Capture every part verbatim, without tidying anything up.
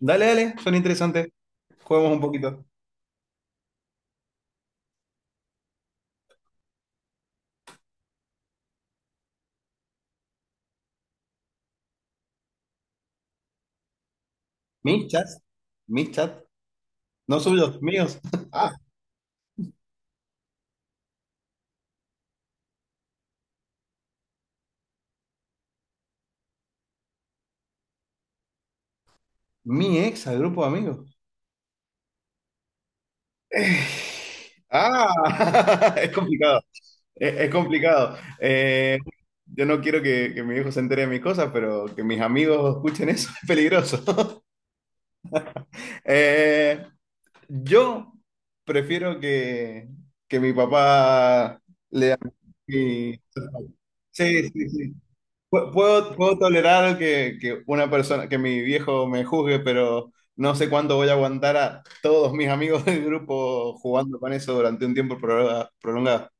Dale, dale, son interesantes. Juguemos un poquito. Mis chats, mis chats, no suyos, míos. Ah, mi ex al grupo de amigos. Eh, Ah, es complicado. Es, es complicado. Eh, yo no quiero que, que mi hijo se entere de mis cosas, pero que mis amigos escuchen eso es peligroso. Eh, yo prefiero que, que mi papá... y- Sí, sí, sí. Pu- Puedo, puedo tolerar que, que una persona, que mi viejo me juzgue, pero no sé cuándo voy a aguantar a todos mis amigos del grupo jugando con eso durante un tiempo prolonga- prolongado.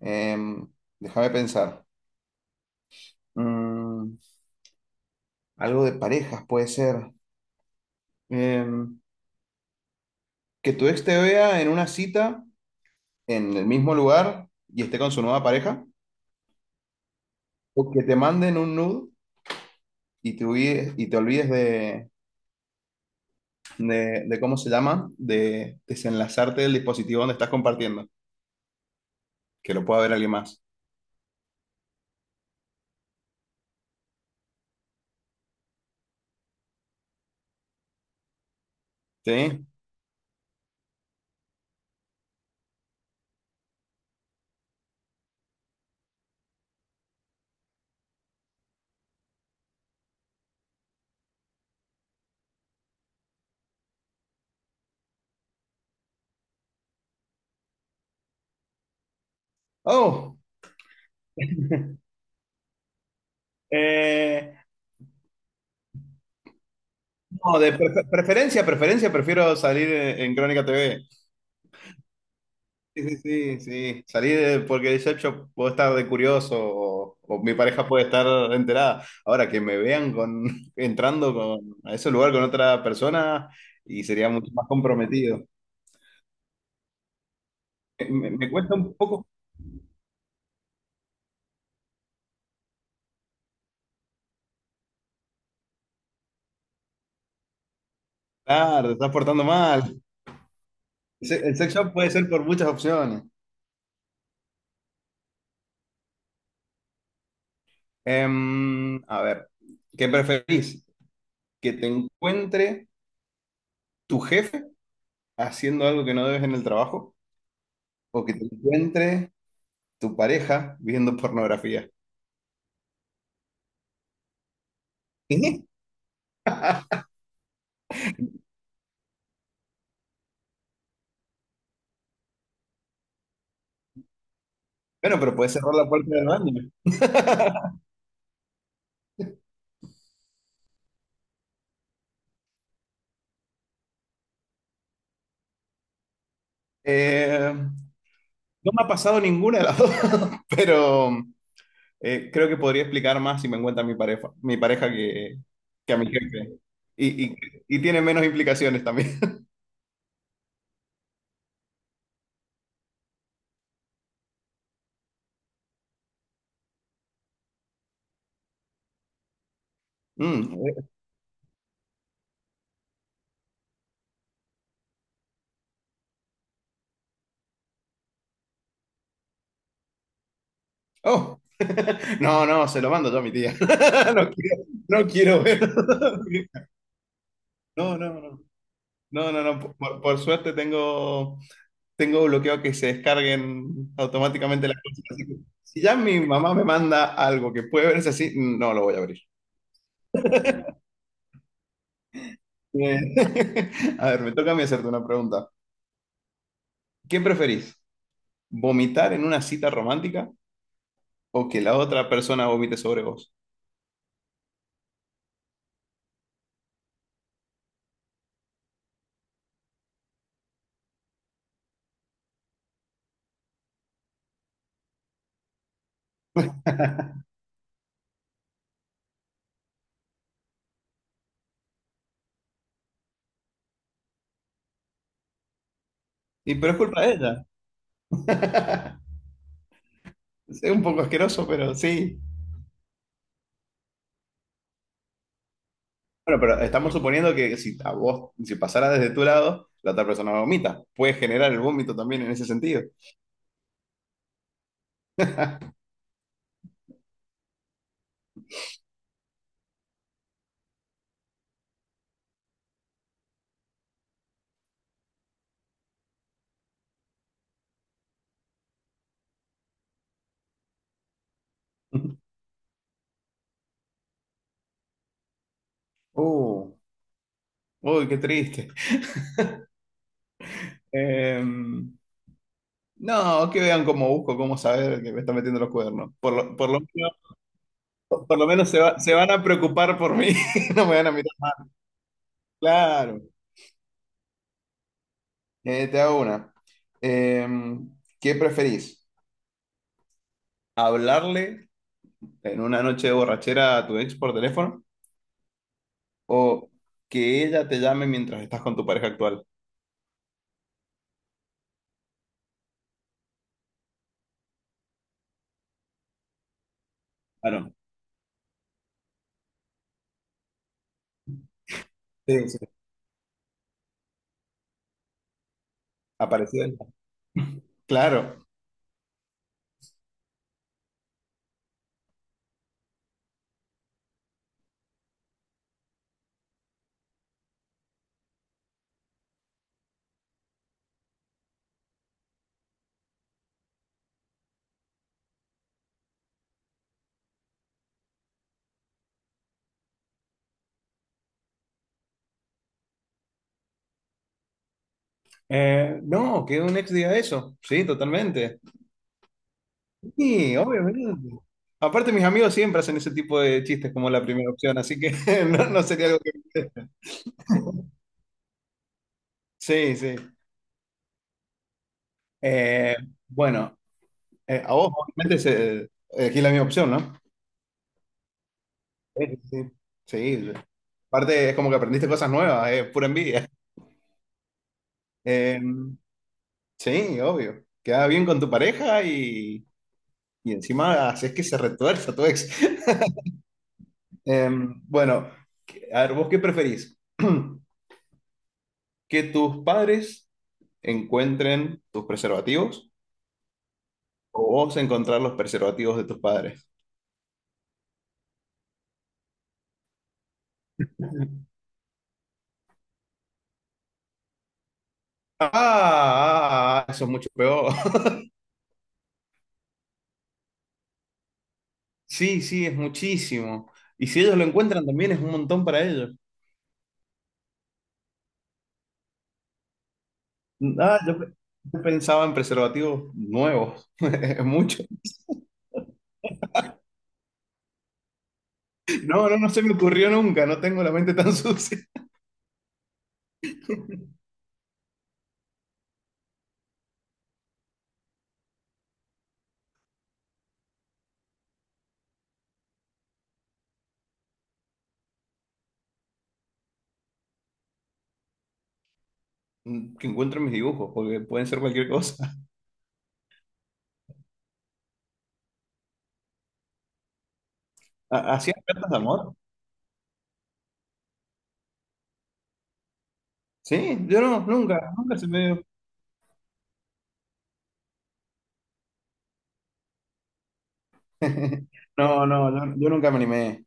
Em, déjame pensar. Mm, algo de parejas puede ser. Em, que tu ex te vea en una cita en el mismo lugar y esté con su nueva pareja. O que te manden un nude y te, huye- y te olvides de, de, de cómo se llama, de desenlazarte del dispositivo donde estás compartiendo, que lo pueda ver alguien más. ¿Sí? Oh, eh, no, de pre- preferencia, preferencia, prefiero salir en, en Crónica T V. Sí, sí, sí, sí. Salir eh, porque yo, yo puedo estar de curioso o, o mi pareja puede estar enterada. Ahora que me vean con, entrando con, a ese lugar con otra persona y sería mucho más comprometido. Eh, Me, me cuesta un poco, claro, te estás portando mal. El se- el sex shop puede ser por muchas opciones. Em, a ver, ¿qué preferís? ¿Que te encuentre tu jefe haciendo algo que no debes en el trabajo? ¿O que te encuentre tu pareja viendo pornografía? ¿Qué? Bueno, pero puedes cerrar la puerta del baño. Eh, no me ha pasado ninguna de las dos, pero eh, creo que podría explicar más si me encuentra mi pareja, mi pareja que, que a mi jefe. Y, y- y tiene menos implicaciones también. Mm, Oh, no, no, se lo mando yo a mi tía. No quiero, no quiero ver. No, no, no. No, no, no. Por, por suerte tengo, tengo bloqueado que se descarguen automáticamente las cosas. Así que si ya mi mamá me manda algo que puede verse así, no lo voy a abrir. Eh, A ver, me toca a mí hacerte una pregunta. ¿Qué preferís? ¿Vomitar en una cita romántica o que la otra persona vomite sobre vos? Y pero es culpa de ella. Es un poco asqueroso, pero sí. Bueno, pero estamos suponiendo que si a vos, si pasara desde tu lado, la otra persona vomita. Puede generar el vómito también en ese sentido. Uh, uy, qué triste. Em, no, que vean cómo busco, cómo saber que me está metiendo los cuernos. Por lo, por lo menos, por lo menos se va- se van a preocupar por mí, no me van a mirar mal. Claro. Eh, te hago una. Em, ¿qué preferís? ¿Hablarle en una noche de borrachera a tu ex por teléfono? O que ella te llame mientras estás con tu pareja actual. Claro. Sí, sí, apareció. Él. Claro. Eh, no, que un ex diga eso. Sí, totalmente. Sí, obviamente. Aparte, mis amigos siempre hacen ese tipo de chistes como la primera opción, así que no, no sería algo que... Sí, sí. Eh, bueno, eh, a vos, obviamente, se, elegí la misma opción, ¿no? Sí, sí. Sí. Sí. Aparte, es como que aprendiste cosas nuevas, es pura envidia. Eh, Sí, obvio. Queda bien con tu pareja y, y encima haces que se retuerza tu ex. Em, bueno, que- a ver, ¿vos qué preferís? ¿Que tus padres encuentren tus preservativos o vos encontrar los preservativos de tus padres? Ah, ah, ah, eso es mucho peor. Sí, sí, es muchísimo. Y si ellos lo encuentran también es un montón para ellos. Ah, yo, pe- yo pensaba en preservativos nuevos. Es mucho. No, no, no se me ocurrió nunca. No tengo la mente tan sucia. Mm, que encuentro en mis dibujos, porque pueden ser cualquier cosa. Ha- ¿Hacías cartas de amor? Sí, yo no, nunca, nunca se me dio. No, no, yo, yo nunca me animé.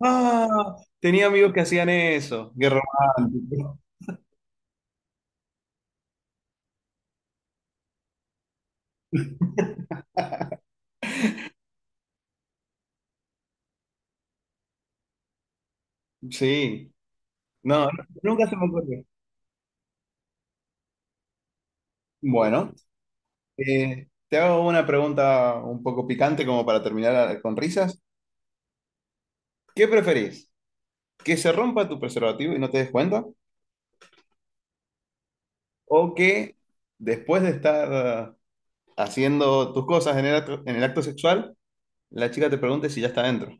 Ah, tenía amigos que hacían eso, qué romántico. Sí, no, nunca se me ocurrió. Bueno, eh, te hago una pregunta un poco picante como para terminar a- con risas. ¿Qué preferís? ¿Que se rompa tu preservativo y no te des cuenta? ¿O que después de estar ah, haciendo tus cosas en el acto, en el acto sexual, la chica te pregunte si ya está dentro?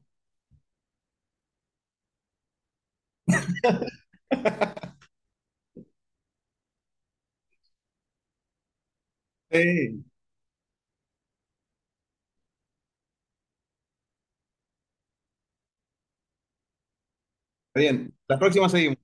Sí. Bien, las próximas seguimos.